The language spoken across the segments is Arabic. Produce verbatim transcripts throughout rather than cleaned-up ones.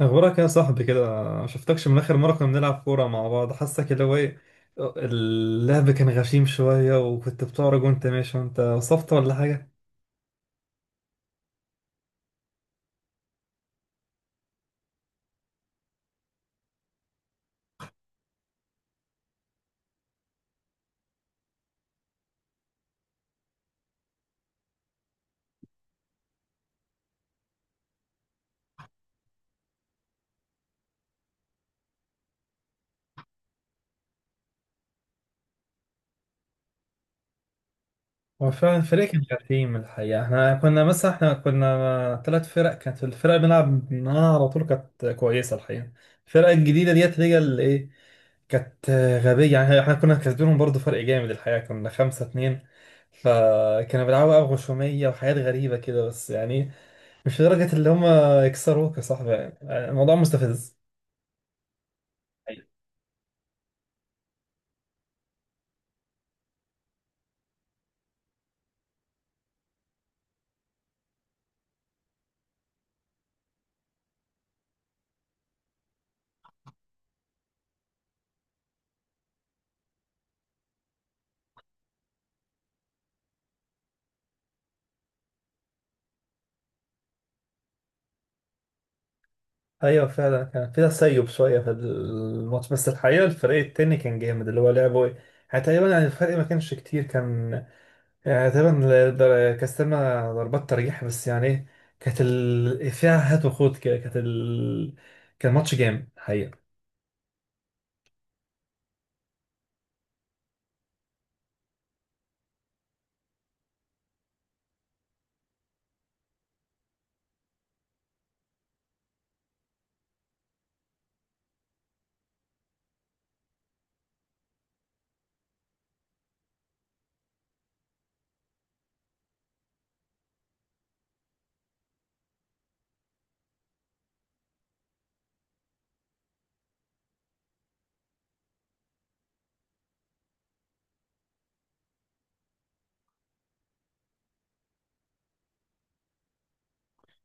اخبارك يا صاحبي كده؟ ما شفتكش من اخر مره كنا بنلعب كوره مع بعض. حاسك اللي هو ايه، اللعب كان غشيم شويه، وكنت بتعرج وانت ماشي. وانت وصفت ولا حاجه؟ هو فعلا الفريق كان غشيم الحقيقه. احنا كنا مثلا احنا كنا ثلاث فرق. كانت الفرق بنلعب معاها على طول كانت كويسه الحقيقه. الفرق الجديده ديت هي اللي ايه، كانت غبية. يعني احنا كنا كسبانهم برضه، فرق جامد الحقيقة، كنا خمسة اتنين. فكانوا بيلعبوا بقى غشومية وحاجات غريبة كده، بس يعني مش لدرجة اللي هم يكسروك يا صاحبي. يعني يعني الموضوع مستفز. أيوة. ايوه فعلا كان في تسيب شويه في الماتش، بس الحقيقه الفريق التاني كان جامد اللي هو لعبه ايه. يعني تقريبا، يعني الفرق ما كانش كتير، كان يعني تقريبا در- كاستلنا ضربات ترجيح. بس يعني ايه، كانت ال... فيها هات وخوت كده. كانت ال... كان ماتش جامد الحقيقه.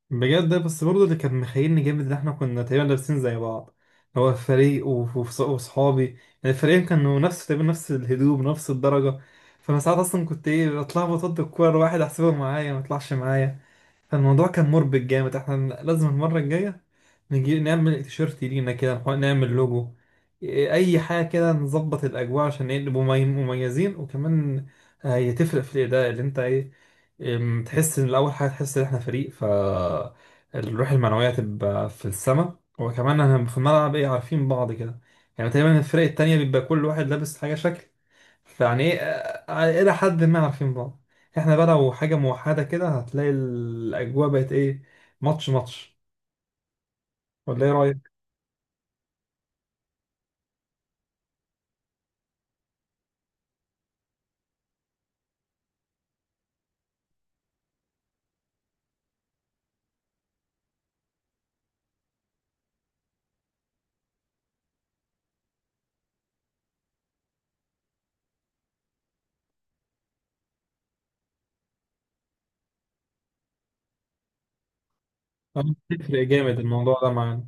بجد. بس برضه اللي كان مخيلني جامد ان احنا كنا تقريبا لابسين زي بعض. هو فريق وف- وف- وصحابي يعني، الفريقين كانوا نفس تقريبا، نفس الهدوم نفس الدرجة. فانا ساعات اصلا كنت ايه، اطلع بطد الكورة واحد احسبه معايا ما يطلعش معايا. فالموضوع كان مربك جامد. احنا لازم المرة الجاية نجي نعمل تيشيرت لينا كده، نحط- نعمل لوجو، إيه، اي حاجة كده، نظبط الاجواء عشان إيه، نبقوا مي- مميزين. وكمان آه، هي تفرق في الاداء اللي انت ايه، أم، تحس ان الاول حاجه، تحس ان احنا فريق. ف الروح المعنويه تبقى في السما، وكمان احنا في الملعب ايه، عارفين بعض كده. يعني تقريبا الفرق التانية بيبقى كل واحد لابس حاجه شكل، فيعني ايه آه، الى حد ما عارفين بعض. احنا بقى لو حاجه موحده كده هتلاقي الاجواء بقت ايه، ماتش ماتش. ولا ايه رايك؟ أنا بتفرق جامد الموضوع ده معانا.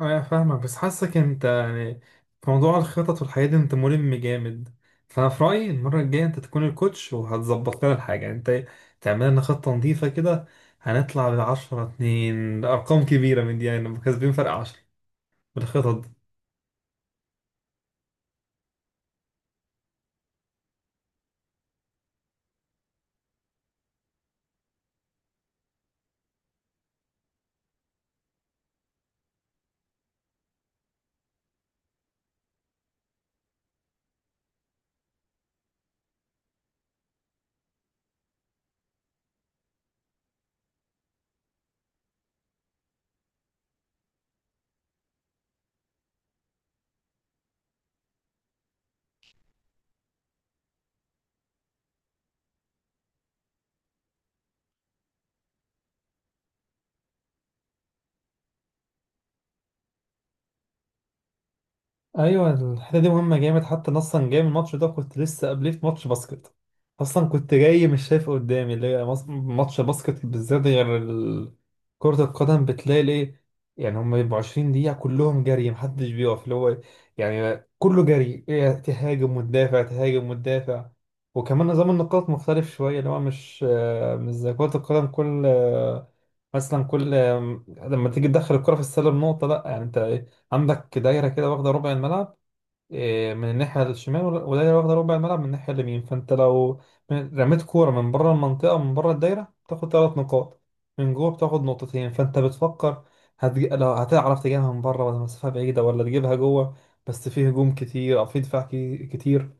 اه يعني فاهمك، بس حاسك انت يعني في موضوع الخطط والحاجات دي انت ملم جامد. فانا في رايي المره الجايه انت تكون الكوتش، وهتظبط لنا الحاجه. يعني انت تعمل لنا خطه نظيفه كده. هنطلع ب عشرة اثنين ارقام كبيره من دي، يعني نبقى كسبين فرق عشرة بالخطط. ايوه الحته دي مهمه جامد. حتى أنا اصلا جاي من الماتش ده، كنت لسه قبليه في ماتش باسكت. اصلا كنت جاي مش شايف قدامي، اللي هي مص- ماتش باسكت بالذات غير ال- كره القدم بتلاقي الايه، يعني هم بيبقوا عشرين دقيقه كلهم جري محدش بيقف اللي هو، يعني كله جري إيه، تهاجم وتدافع، تهاجم وتدافع. وكمان نظام النقاط مختلف شويه اللي هو مش آه، مش زي كره القدم. كل آه، مثلا كل آه، لما تيجي تدخل الكره في السله بنقطه، لا يعني انت عندك دايرة كده واخدة ربع الملعب إيه، من الناحية الشمال، ودايرة، ودايرة واخدة ربع الملعب من الناحية اليمين. فأنت لو من- رميت كورة من بره المنطقة، من بره الدايرة، بتاخد ثلاث نقاط. من جوه بتاخد نقطتين. فأنت بتفكر هتج... لو هتعرف تجيبها من بره ولا مسافة بعيدة ولا تجيبها جوه. بس فيه هجوم كتير أو فيه دفاع كي- كتير.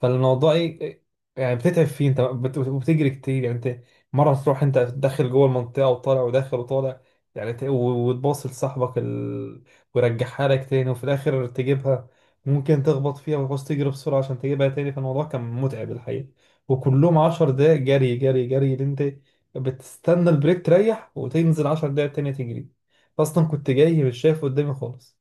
فالموضوع ايه، يعني بتتعب فيه، انت بت- وبتجري كتير. يعني انت مره تروح انت داخل جوه المنطقه وطالع وداخل وطالع، يعني ت- و- وتباصي لصاحبك ال... ويرجعها لك تاني. وفي الاخر تجيبها، ممكن تخبط فيها وتعوز تجري بسرعه عشان تجيبها تاني. فالموضوع كان متعب الحقيقه، وكلهم عشر دقايق جري جري جري، اللي انت بتستنى البريك تريح وتنزل عشر دقايق تانية تجري. اصلا كنت جاي مش شايف قدامي خالص.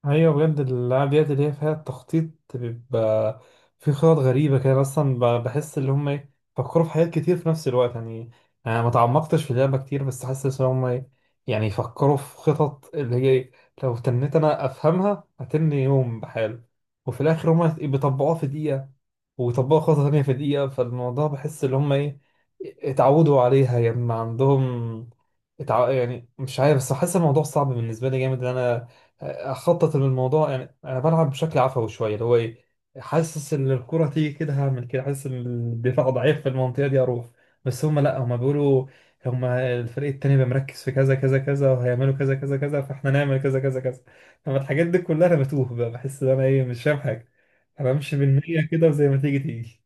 ايوه بجد، الالعاب ديت اللي هي فيها التخطيط بيبقى في خطط غريبه كده اصلا ب- بحس اللي هم ايه، فكروا في حاجات كتير في نفس الوقت. يعني انا ما تعمقتش في اللعبه كتير، بس حاسس ان هم ايه، يعني يفكروا في خطط اللي هي إيه، لو تنيت انا افهمها هتني يوم بحاله، وفي الاخر هم بيطبقوها في دقيقه ويطبقوا خطه تانيه في دقيقه. فالموضوع بحس ان هم ايه، اتعودوا عليها. يعني ما عندهم اتع... يعني مش عارف، بس حاسس الموضوع صعب بالنسبه لي جامد، ان انا اخطط للموضوع. يعني انا بلعب بشكل عفوي شويه اللي هو ايه، حاسس ان الكره تيجي كده هعمل كده، حاسس ان الدفاع ضعيف في المنطقه دي اروح. بس هم لا، هم بيقولوا هم الفريق التاني بيبقى مركز في كذا كذا كذا، وهيعملوا كذا كذا كذا، فاحنا نعمل كذا كذا كذا. طب الحاجات دي كلها انا بتوه بقى، بحس ان انا ايه، مش فاهم حاجه. انا امشي بالمية كده وزي ما تيجي تيجي.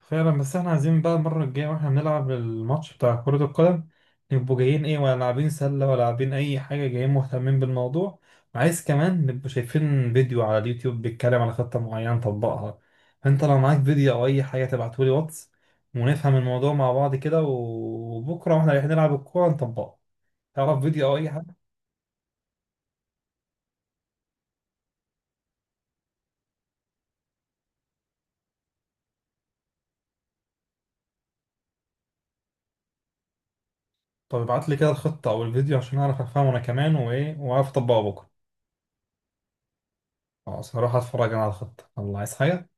فعلا، بس احنا عايزين بقى المرة الجاية واحنا بنلعب الماتش بتاع كرة القدم نبقوا جايين ايه، ولا لاعبين سلة ولا لاعبين أي حاجة، جايين مهتمين بالموضوع. وعايز كمان نبقوا شايفين فيديو على اليوتيوب بيتكلم على خطة معينة طبقها. فأنت لو معاك فيديو أو أي حاجة تبعتولي واتس، ونفهم الموضوع مع بعض كده، وبكرة واحنا رايحين نلعب الكورة نطبقها. تعرف فيديو أو أي حاجة؟ طب ابعت لي كده الخطة أو الفيديو عشان أعرف أفهمه أنا كمان وإيه، وأعرف أطبقه بكرة. خلاص هروح أتفرج أنا على الخطة. الله، عايز حاجة؟